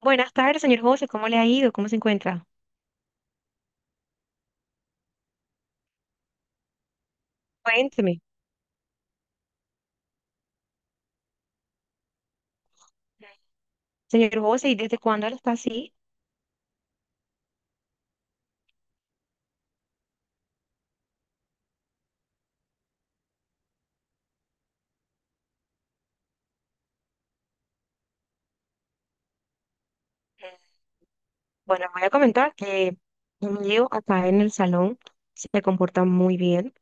Buenas tardes, señor José. ¿Cómo le ha ido? ¿Cómo se encuentra? Cuénteme. Señor José, ¿y desde cuándo él está así? Bueno, voy a comentar que Emilio acá en el salón se comporta muy bien.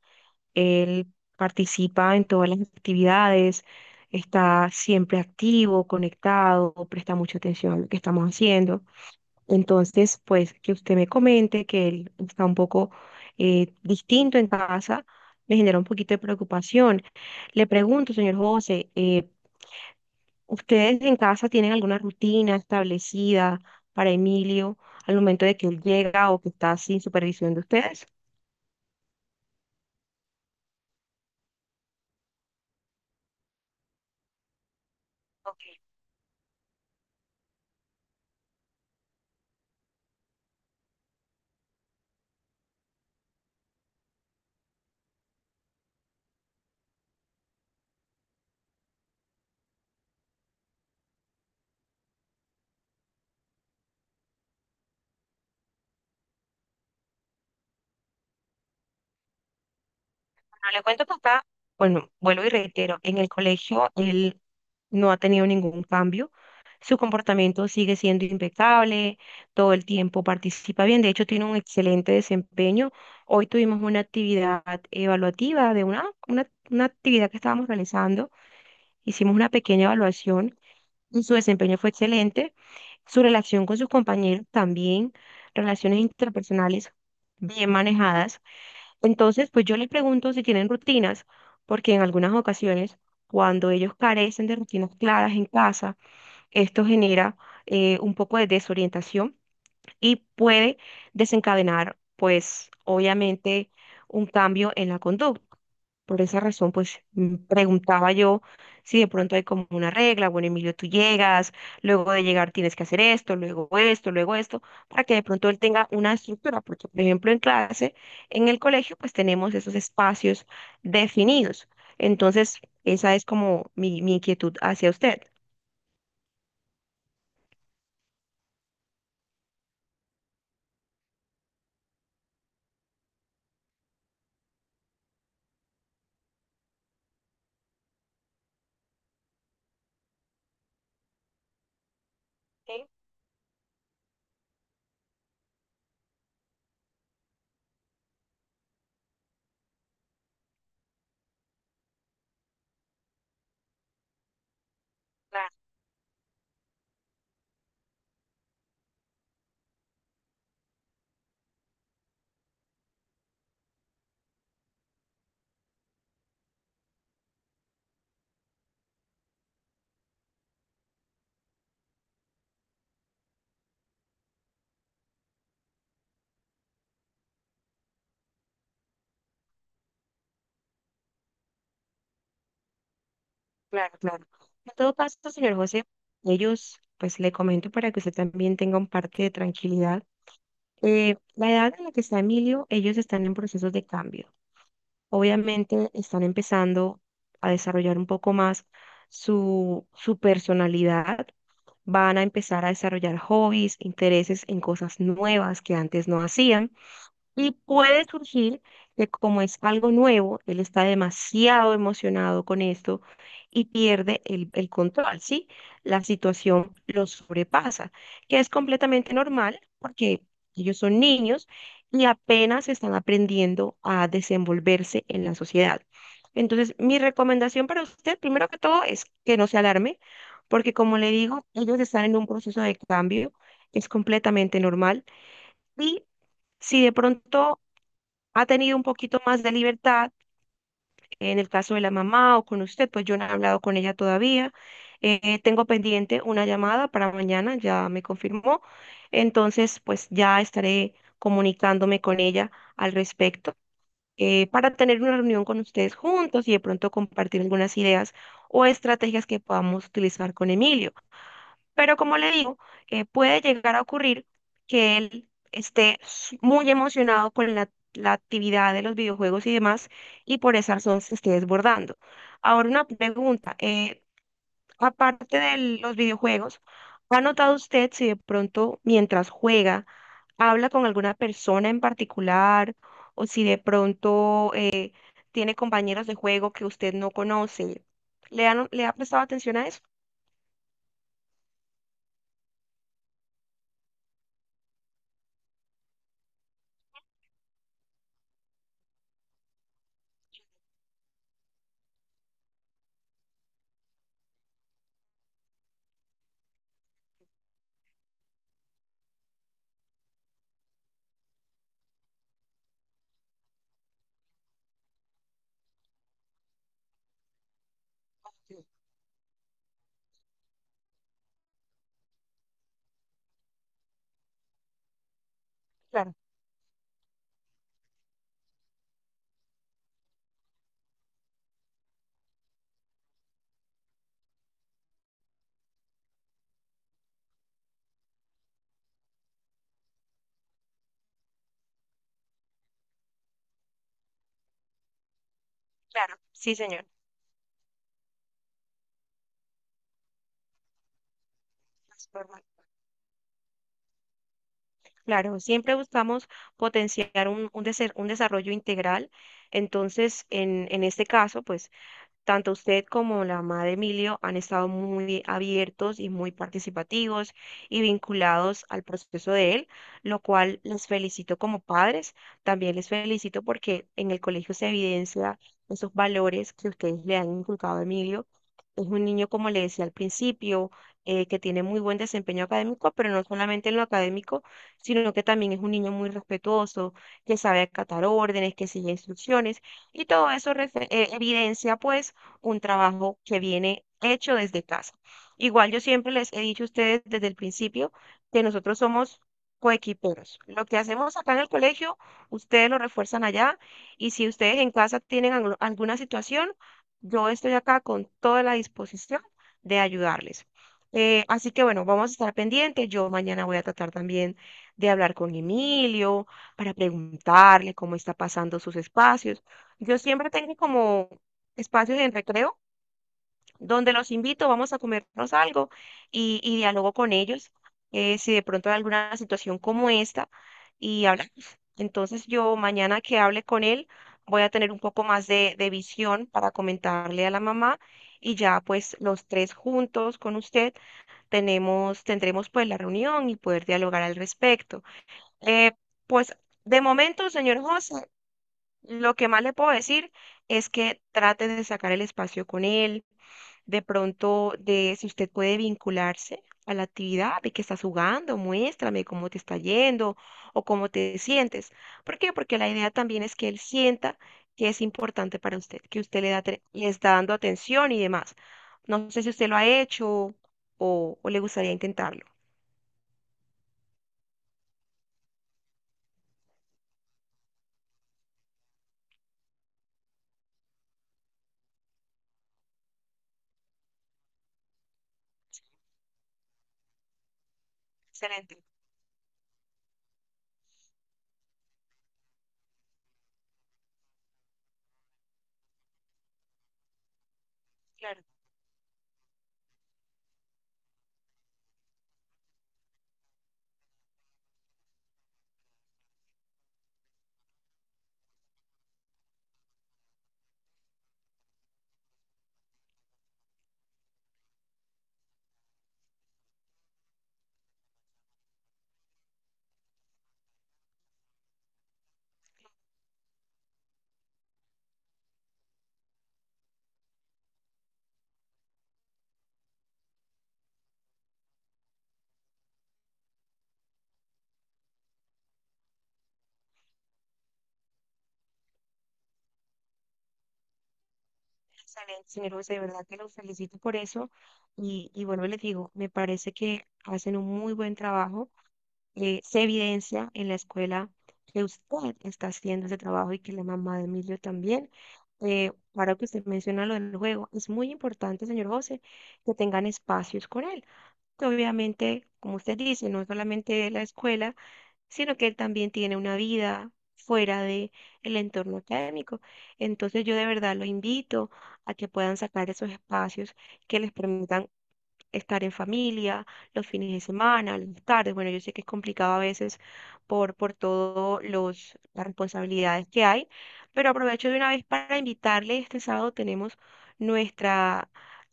Él participa en todas las actividades, está siempre activo, conectado, presta mucha atención a lo que estamos haciendo. Entonces, pues que usted me comente que él está un poco distinto en casa, me genera un poquito de preocupación. Le pregunto, señor José, ¿ustedes en casa tienen alguna rutina establecida para Emilio al momento de que él llega o que está sin supervisión de ustedes? Ok. Pero le cuento a papá, bueno, vuelvo y reitero, en el colegio él no ha tenido ningún cambio, su comportamiento sigue siendo impecable, todo el tiempo participa bien, de hecho tiene un excelente desempeño. Hoy tuvimos una actividad evaluativa de una actividad que estábamos realizando, hicimos una pequeña evaluación y su desempeño fue excelente, su relación con sus compañeros también, relaciones interpersonales bien manejadas. Entonces, pues yo les pregunto si tienen rutinas, porque en algunas ocasiones, cuando ellos carecen de rutinas claras en casa, esto genera un poco de desorientación y puede desencadenar, pues, obviamente, un cambio en la conducta. Por esa razón, pues preguntaba yo si de pronto hay como una regla, bueno, Emilio, tú llegas, luego de llegar tienes que hacer esto, luego esto, luego esto, para que de pronto él tenga una estructura, porque por ejemplo en clase, en el colegio, pues tenemos esos espacios definidos. Entonces, esa es como mi inquietud hacia usted. Sí, claro, claro, claro. En todo caso, señor José, ellos, pues le comento para que usted también tenga un parte de tranquilidad. La edad en la que está Emilio, ellos están en procesos de cambio. Obviamente están empezando a desarrollar un poco más su personalidad, van a empezar a desarrollar hobbies, intereses en cosas nuevas que antes no hacían. Y puede surgir que como es algo nuevo, él está demasiado emocionado con esto y pierde el control, ¿sí? La situación lo sobrepasa, que es completamente normal porque ellos son niños y apenas están aprendiendo a desenvolverse en la sociedad. Entonces, mi recomendación para usted, primero que todo, es que no se alarme, porque como le digo, ellos están en un proceso de cambio, es completamente normal y si de pronto ha tenido un poquito más de libertad en el caso de la mamá o con usted, pues yo no he hablado con ella todavía. Tengo pendiente una llamada para mañana, ya me confirmó. Entonces, pues ya estaré comunicándome con ella al respecto para tener una reunión con ustedes juntos y de pronto compartir algunas ideas o estrategias que podamos utilizar con Emilio. Pero como le digo, puede llegar a ocurrir que él esté muy emocionado con la actividad de los videojuegos y demás, y por esa razón se esté desbordando. Ahora una pregunta, aparte de los videojuegos, ¿ha notado usted si de pronto mientras juega habla con alguna persona en particular o si de pronto tiene compañeros de juego que usted no conoce? ¿Le ha prestado atención a eso? Claro, claro, sí, señor. Claro, siempre buscamos potenciar un desarrollo integral. Entonces, en este caso, pues tanto usted como la mamá de Emilio han estado muy abiertos y muy participativos y vinculados al proceso de él, lo cual les felicito como padres. También les felicito porque en el colegio se evidencia esos valores que ustedes le han inculcado a Emilio. Es un niño, como le decía al principio, que tiene muy buen desempeño académico, pero no solamente en lo académico, sino que también es un niño muy respetuoso, que sabe acatar órdenes, que sigue instrucciones, y todo eso evidencia, pues, un trabajo que viene hecho desde casa. Igual yo siempre les he dicho a ustedes desde el principio que nosotros somos coequiperos. Lo que hacemos acá en el colegio, ustedes lo refuerzan allá y si ustedes en casa tienen alguna situación, yo estoy acá con toda la disposición de ayudarles. Así que bueno, vamos a estar pendientes. Yo mañana voy a tratar también de hablar con Emilio para preguntarle cómo está pasando sus espacios. Yo siempre tengo como espacios en recreo donde los invito, vamos a comernos algo y dialogo con ellos si de pronto hay alguna situación como esta y hablamos. Entonces yo mañana que hable con él voy a tener un poco más de visión para comentarle a la mamá y ya pues los tres juntos con usted tenemos, tendremos pues la reunión y poder dialogar al respecto. Eh, pues de momento, señor José, lo que más le puedo decir es que trate de sacar el espacio con él de pronto, de si usted puede vincularse a la actividad de que estás jugando, muéstrame cómo te está yendo o cómo te sientes. ¿Por qué? Porque la idea también es que él sienta que es importante para usted, que usted le da, le está dando atención y demás. No sé si usted lo ha hecho o le gustaría intentarlo. Excelente, claro, excelente, señor José, de verdad que lo felicito por eso. Y bueno, les digo, me parece que hacen un muy buen trabajo se evidencia en la escuela que usted está haciendo ese trabajo y que la mamá de Emilio también. Ahora que usted menciona lo del juego, es muy importante, señor José, que tengan espacios con él. Que obviamente, como usted dice, no solamente la escuela, sino que él también tiene una vida fuera de el entorno académico. Entonces yo de verdad lo invito a que puedan sacar esos espacios que les permitan estar en familia, los fines de semana, las tardes. Bueno, yo sé que es complicado a veces por todas los las responsabilidades que hay, pero aprovecho de una vez para invitarle. Este sábado tenemos nuestra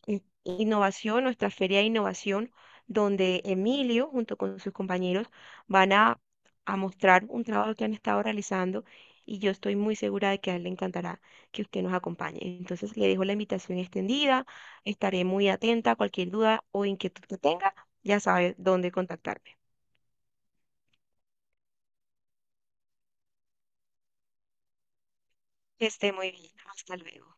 innovación, nuestra feria de innovación, donde Emilio, junto con sus compañeros, van a mostrar un trabajo que han estado realizando. Y yo estoy muy segura de que a él le encantará que usted nos acompañe. Entonces le dejo la invitación extendida. Estaré muy atenta a cualquier duda o inquietud que tenga. Ya sabes dónde contactarme. Que esté muy bien. Hasta luego.